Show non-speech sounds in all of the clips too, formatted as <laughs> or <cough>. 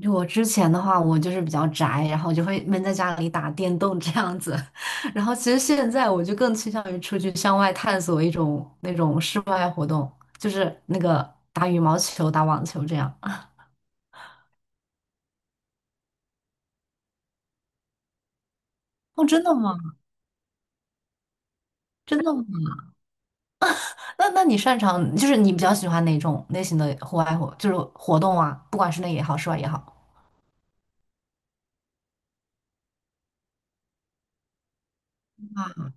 就我之前的话，我就是比较宅，然后就会闷在家里打电动这样子。<laughs> 然后其实现在我就更倾向于出去向外探索一种那种室外活动，就是那个打羽毛球、打网球这样。哦，真的吗？真的吗？那你擅长，就是你比较喜欢哪种类型的户外活，就是活动啊，不管室内也好，室外也好。啊，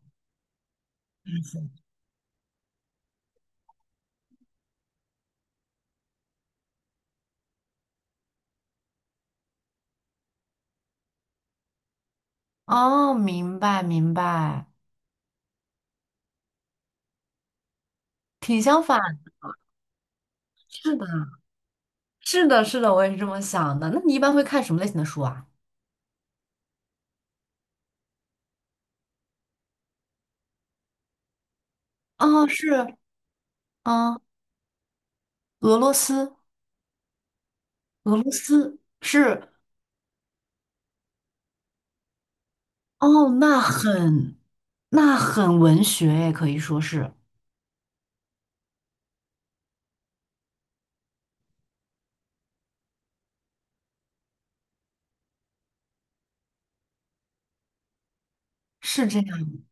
哦，明白明白，挺相反，是的，是的，是的，我也是这么想的。那你一般会看什么类型的书啊？哦，是，嗯，俄罗斯，俄罗斯是，哦，那很文学也可以说是是这样。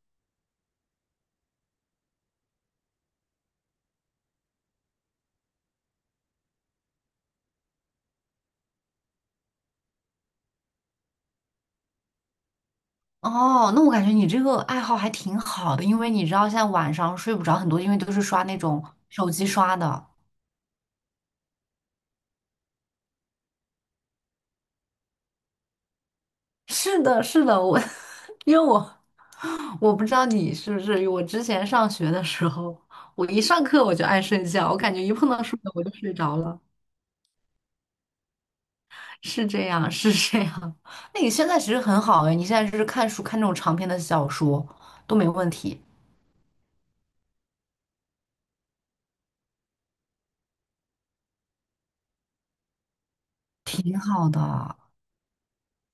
哦，那我感觉你这个爱好还挺好的，因为你知道现在晚上睡不着很多，因为都是刷那种手机刷的。是的，是的，我，<laughs> 因为我不知道你是不是，我之前上学的时候，我一上课我就爱睡觉，我感觉一碰到数学我就睡着了。是这样，<laughs> 是这样。那你现在其实很好哎，你现在就是看书，看那种长篇的小说都没问题，挺好的。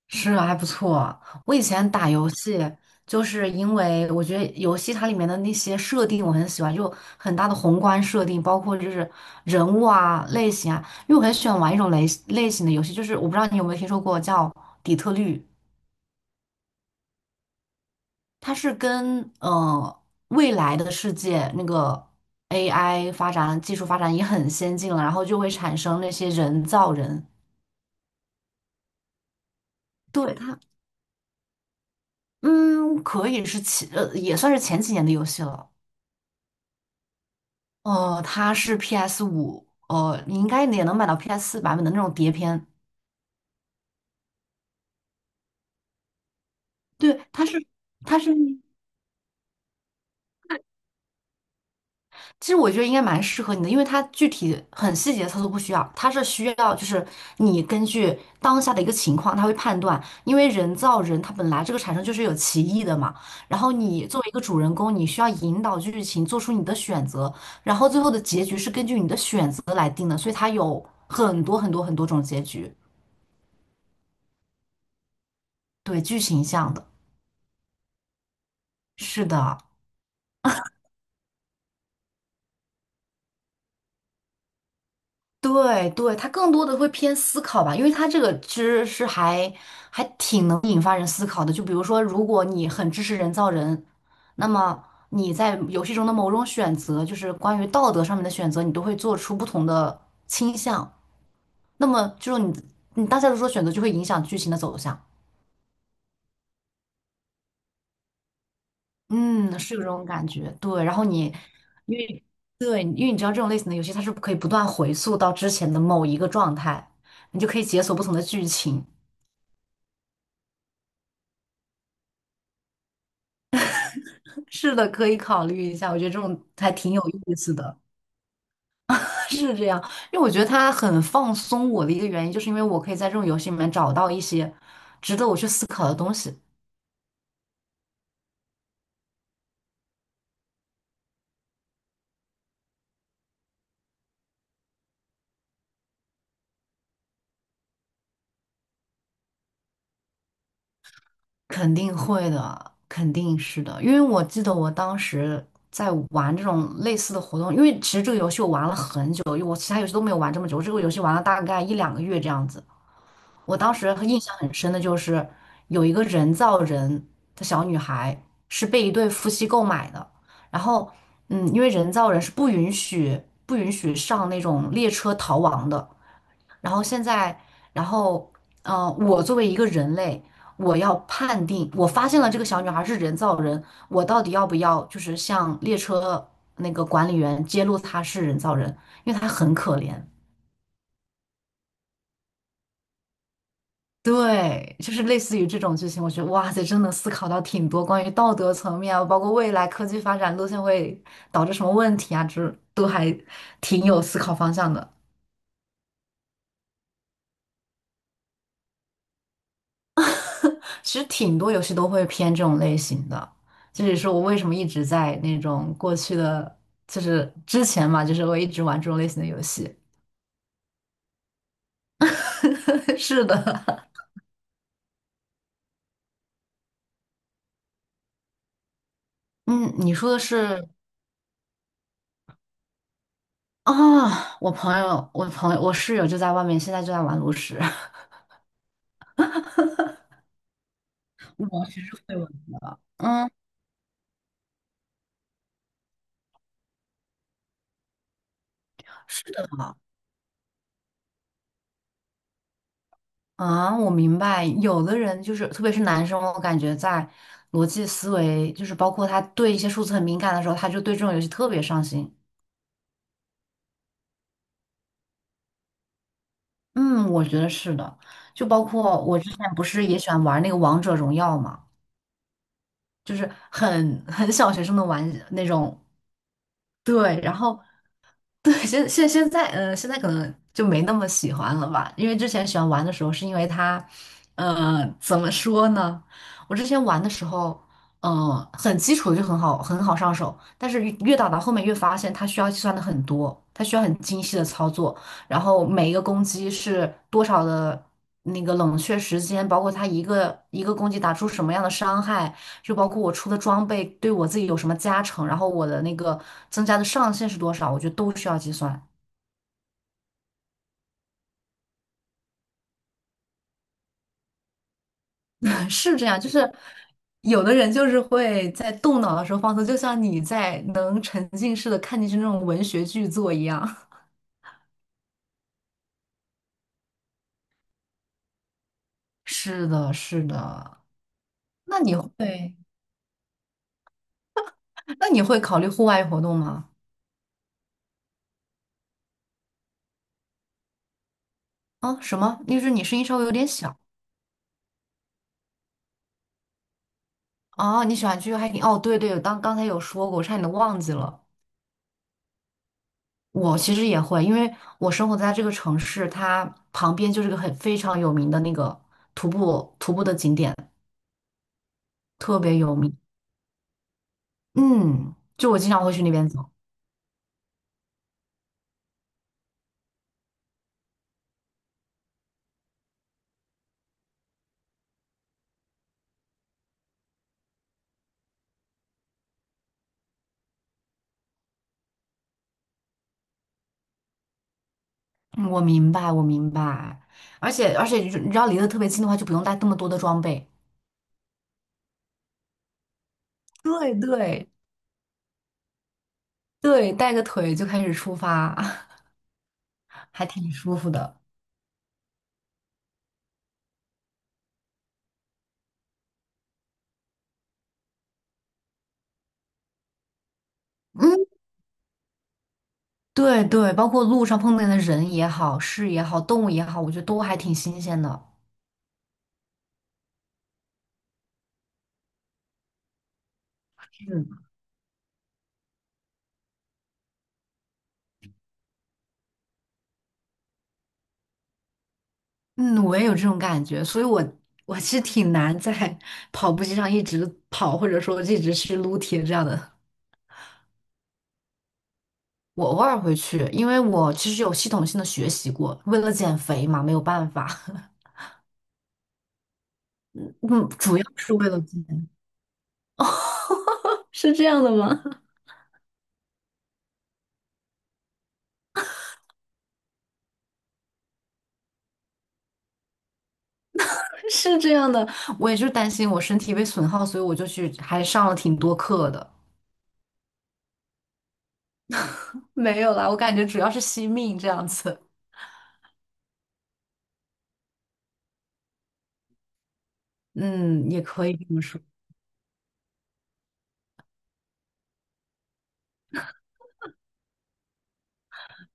是啊，还不错。我以前打游戏，就是因为我觉得游戏它里面的那些设定我很喜欢，就很大的宏观设定，包括就是人物啊、类型啊。因为我很喜欢玩一种类型的游戏，就是我不知道你有没有听说过叫底特律。它是跟未来的世界那个 AI 发展技术发展也很先进了，然后就会产生那些人造人。对它，嗯，可以是前呃也算是前几年的游戏了。它是 PS5，你应该也能买到 PS4版本的那种碟片。对，它是。其实我觉得应该蛮适合你的，因为它具体很细节的操作不需要，它是需要就是你根据当下的一个情况，它会判断，因为人造人它本来这个产生就是有歧义的嘛，然后你作为一个主人公，你需要引导剧情做出你的选择，然后最后的结局是根据你的选择来定的，所以它有很多很多很多种结局，对，剧情向的，是的。对对，它更多的会偏思考吧，因为它这个其实是还挺能引发人思考的。就比如说，如果你很支持人造人，那么你在游戏中的某种选择，就是关于道德上面的选择，你都会做出不同的倾向。那么就是你大家都说选择就会影响剧情的走向。嗯，是有这种感觉。对，然后你因为对，因为你知道这种类型的游戏，它是可以不断回溯到之前的某一个状态，你就可以解锁不同的剧情。是的，可以考虑一下。我觉得这种还挺有意思的，<laughs> 是这样。因为我觉得它很放松我的一个原因，就是因为我可以在这种游戏里面找到一些值得我去思考的东西。肯定会的，肯定是的。因为我记得我当时在玩这种类似的活动，因为其实这个游戏我玩了很久，因为我其他游戏都没有玩这么久，我这个游戏玩了大概一两个月这样子。我当时印象很深的就是有一个人造人的小女孩是被一对夫妻购买的，然后因为人造人是不允许上那种列车逃亡的，然后现在，然后我作为一个人类，我要判定我发现了这个小女孩是人造人，我到底要不要就是向列车那个管理员揭露她是人造人，因为她很可怜。对，就是类似于这种剧情，我觉得哇塞，真的思考到挺多关于道德层面啊，包括未来科技发展路线会导致什么问题啊，这都还挺有思考方向的。<laughs> 其实挺多游戏都会偏这种类型的，这也是我为什么一直在那种过去的，就是之前嘛，就是我一直玩这种类型的游戏。<laughs> 是的，嗯，你说的是啊，我室友就在外面，现在就在玩炉石，<laughs> 我其实会玩的。嗯。是的啊，我明白。有的人就是，特别是男生，我感觉在逻辑思维，就是包括他对一些数字很敏感的时候，他就对这种游戏特别上心。嗯，我觉得是的。就包括我之前不是也喜欢玩那个王者荣耀嘛，就是很小学生的玩那种。对，然后对，现在可能就没那么喜欢了吧，因为之前喜欢玩的时候，是因为它，怎么说呢？我之前玩的时候，很基础就很好，很好上手，但是越打到后面越发现它需要计算的很多，它需要很精细的操作，然后每一个攻击是多少的那个冷却时间，包括它一个一个攻击打出什么样的伤害，就包括我出的装备对我自己有什么加成，然后我的那个增加的上限是多少，我觉得都需要计算。<laughs> 是这样，就是有的人就是会在动脑的时候放松，就像你在能沉浸式的看进去那种文学巨作一样。<laughs> 是的，是的。那你会，那你会考虑户外活动吗？啊，什么？就是你声音稍微有点小。啊。你喜欢去 hiking？哦，对对，刚刚才有说过，我差点都忘记了。我其实也会，因为我生活在这个城市，它旁边就是个很非常有名的那个徒步的景点，特别有名。嗯，就我经常会去那边走。嗯我明白，我明白。而且，你知道离得特别近的话，就不用带那么多的装备。对对对，带个腿就开始出发，<laughs> 还挺舒服的。嗯，对对，包括路上碰见的人也好，事也好，动物也好，我觉得都还挺新鲜的。嗯。嗯，我也有这种感觉，所以我其实挺难在 <laughs> 跑步机上一直跑，或者说一直去撸铁这样的。我偶尔会去，因为我其实有系统性的学习过，为了减肥嘛，没有办法。<laughs> 嗯，主要是为了减肥。<laughs> 是这样的吗？<laughs> 是这样的，我也就担心我身体被损耗，所以我就去还上了挺多课的。没有啦，我感觉主要是惜命这样子。嗯，也可以这么说，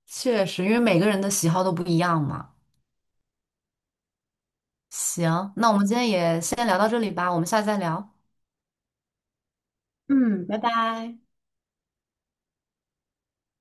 确实，因为每个人的喜好都不一样嘛。行，那我们今天也先聊到这里吧，我们下次再聊。嗯，拜拜。